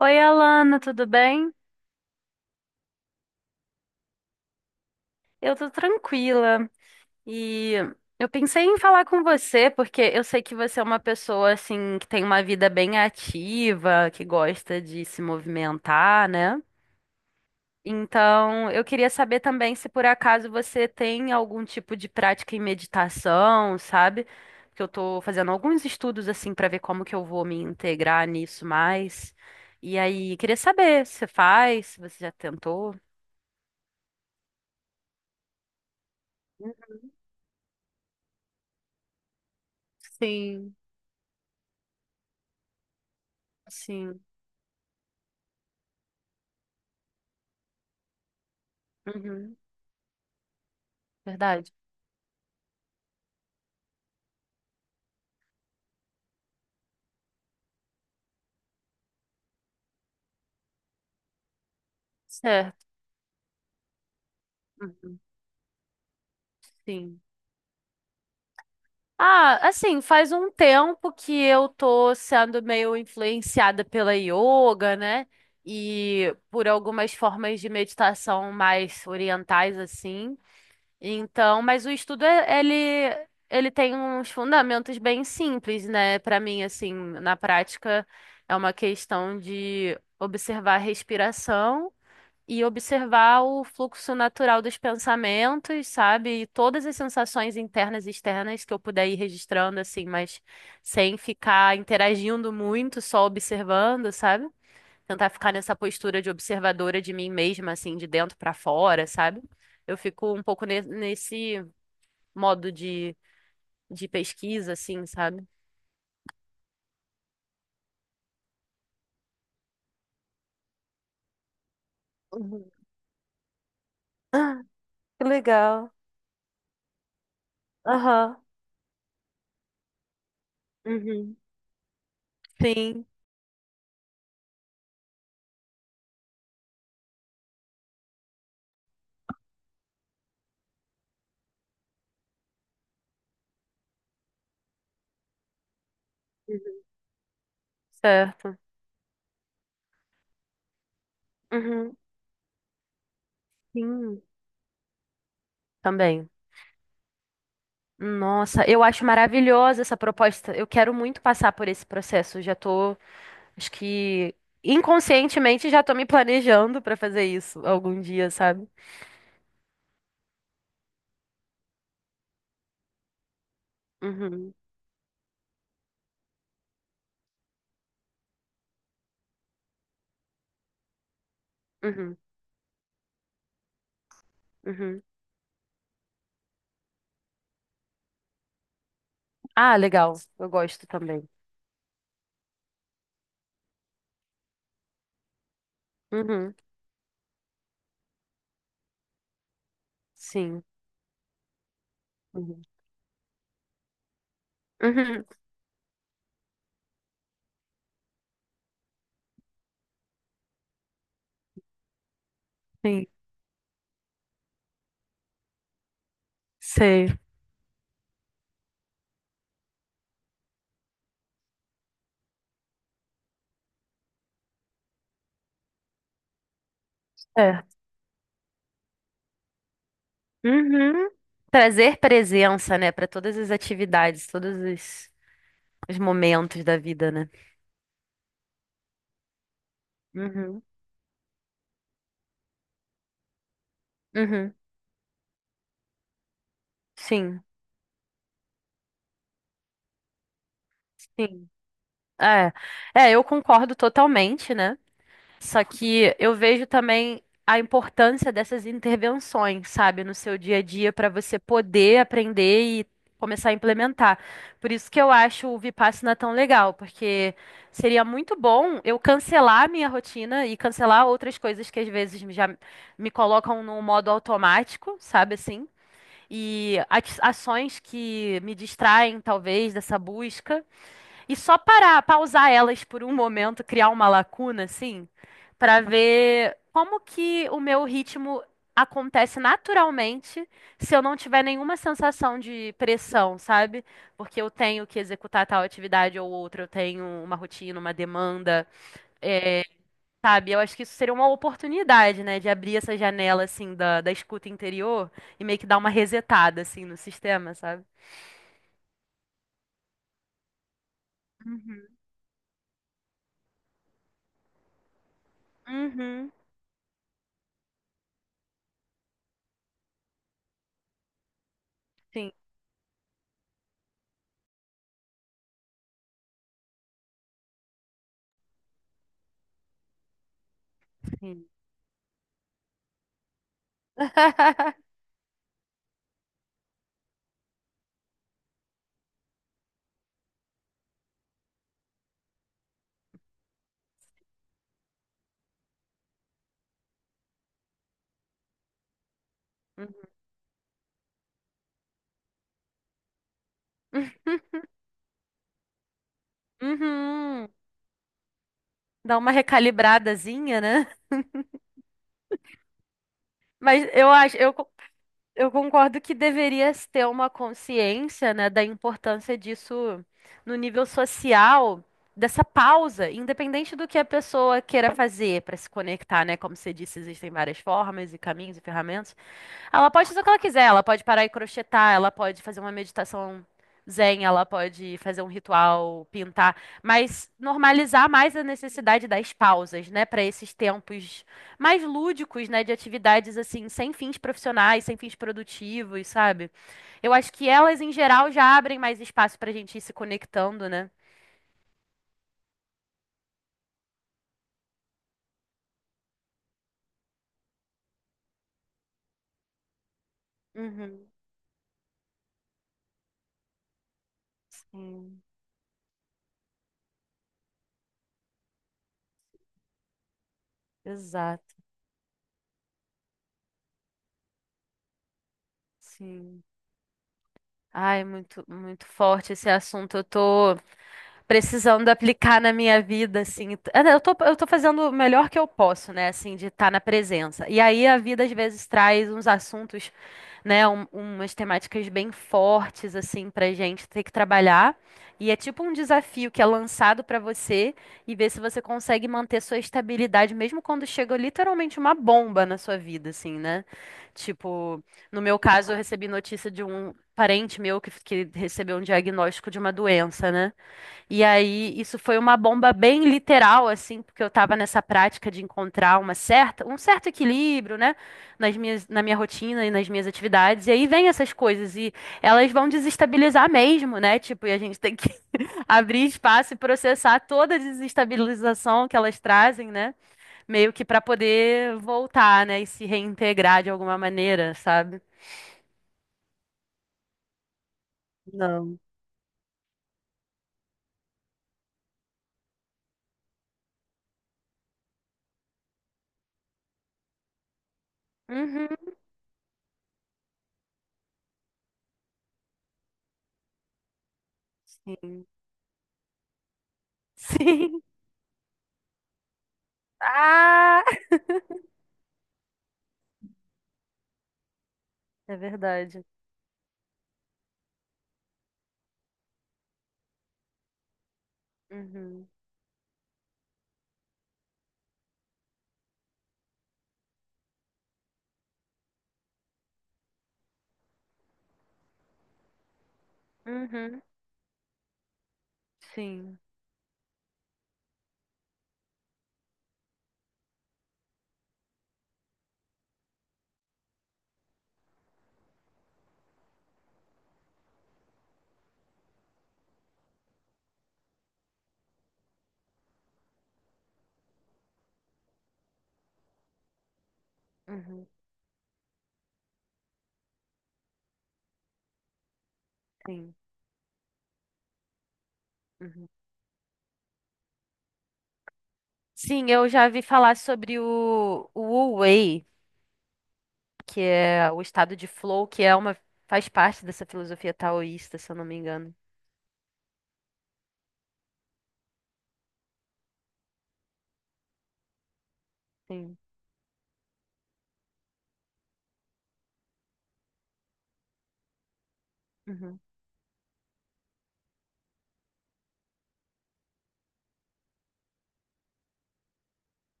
Oi, Alana, tudo bem? Eu tô tranquila e eu pensei em falar com você porque eu sei que você é uma pessoa assim que tem uma vida bem ativa, que gosta de se movimentar, né? Então, eu queria saber também se por acaso você tem algum tipo de prática em meditação, sabe? Porque eu tô fazendo alguns estudos assim pra ver como que eu vou me integrar nisso mais. E aí, queria saber se você faz, se você já tentou. Sim. Sim. Uhum. Verdade. Certo. Uhum. Sim. Ah, assim, faz um tempo que eu tô sendo meio influenciada pela yoga, né? E por algumas formas de meditação mais orientais, assim. Então, mas o estudo, ele, ele tem uns fundamentos bem simples, né? Pra mim, assim, na prática, é uma questão de observar a respiração e observar o fluxo natural dos pensamentos, sabe? E todas as sensações internas e externas que eu puder ir registrando, assim, mas sem ficar interagindo muito, só observando, sabe? Tentar ficar nessa postura de observadora de mim mesma, assim, de dentro pra fora, sabe? Eu fico um pouco nesse modo de pesquisa, assim, sabe? Uhum. Que legal. Aham. Uhum. Sim. Uhum. Certo. Uhum. Sim, também. Nossa, eu acho maravilhosa essa proposta. Eu quero muito passar por esse processo. Eu já tô, acho que inconscientemente já tô me planejando para fazer isso algum dia, sabe? Uhum, uhum, uhum. Ah, legal. Eu gosto também. Uhum, sim. Uhum, uhum, sim. Sei. É. Uhum. Trazer presença, né, para todas as atividades, todos os momentos da vida, né? Uhum, uhum. Sim, sim. É, é, eu concordo totalmente, né? Só que eu vejo também a importância dessas intervenções, sabe, no seu dia a dia para você poder aprender e começar a implementar. Por isso que eu acho o Vipassana tão legal, porque seria muito bom eu cancelar a minha rotina e cancelar outras coisas que às vezes já me colocam no modo automático, sabe assim? E ações que me distraem, talvez, dessa busca. E só parar, pausar elas por um momento, criar uma lacuna, assim, pra ver como que o meu ritmo acontece naturalmente se eu não tiver nenhuma sensação de pressão, sabe? Porque eu tenho que executar tal atividade ou outra, eu tenho uma rotina, uma demanda, é, sabe? Eu acho que isso seria uma oportunidade, né, de abrir essa janela, assim, da escuta interior e meio que dar uma resetada, assim, no sistema, sabe? Uhum. Uhum. Sim, sim. Uhum. Dá uma recalibradazinha, né? Mas eu acho, eu concordo que deveria se ter uma consciência, né, da importância disso no nível social, dessa pausa, independente do que a pessoa queira fazer para se conectar, né? Como você disse, existem várias formas e caminhos e ferramentas. Ela pode fazer o que ela quiser, ela pode parar e crochetar, ela pode fazer uma meditação zen, ela pode fazer um ritual, pintar, mas normalizar mais a necessidade das pausas, né, para esses tempos mais lúdicos, né, de atividades assim, sem fins profissionais, sem fins produtivos, sabe? Eu acho que elas em geral já abrem mais espaço para a gente ir se conectando, né? Uhum. Sim, exato, sim. Ai, muito, muito forte esse assunto. Eu tô precisando aplicar na minha vida, assim. Ah, não, eu tô, eu tô fazendo o melhor que eu posso, né, assim, de estar na presença. E aí a vida às vezes traz uns assuntos, né, umas temáticas bem fortes, assim, pra gente ter que trabalhar. E é tipo um desafio que é lançado pra você e ver se você consegue manter sua estabilidade, mesmo quando chega literalmente uma bomba na sua vida, assim, né? Tipo, no meu caso, eu recebi notícia de um parente meu que recebeu um diagnóstico de uma doença, né? E aí, isso foi uma bomba bem literal, assim, porque eu estava nessa prática de encontrar uma certa, um certo equilíbrio, né, nas na minha rotina e nas minhas atividades. E aí vem essas coisas e elas vão desestabilizar mesmo, né? Tipo, e a gente tem que abrir espaço e processar toda a desestabilização que elas trazem, né? Meio que para poder voltar, né, e se reintegrar de alguma maneira, sabe? Não. Uhum. Sim. Sim. Ah! É verdade. Uhum. Uhum, sim, uhum, sim, uhum. Sim, eu já vi falar sobre o Wu Wei, que é o estado de flow, que é uma, faz parte dessa filosofia taoísta, se eu não me engano. Sim. Uhum,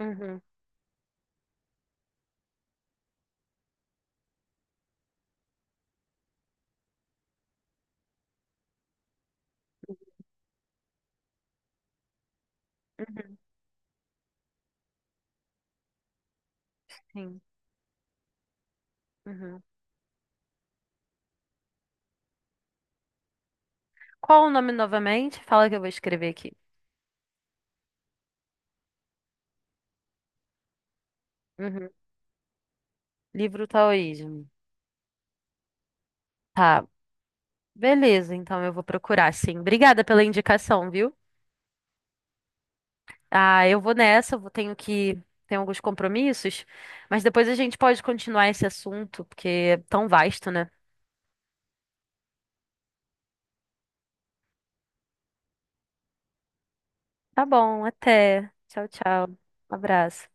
uhum, uhum, sim, uhum. Qual o nome novamente? Fala que eu vou escrever aqui. Uhum. Livro Taoísmo. Tá, beleza, então eu vou procurar, sim. Obrigada pela indicação, viu? Ah, eu vou nessa, tenho que. Tenho alguns compromissos, mas depois a gente pode continuar esse assunto, porque é tão vasto, né? Tá bom, até. Tchau, tchau. Um abraço.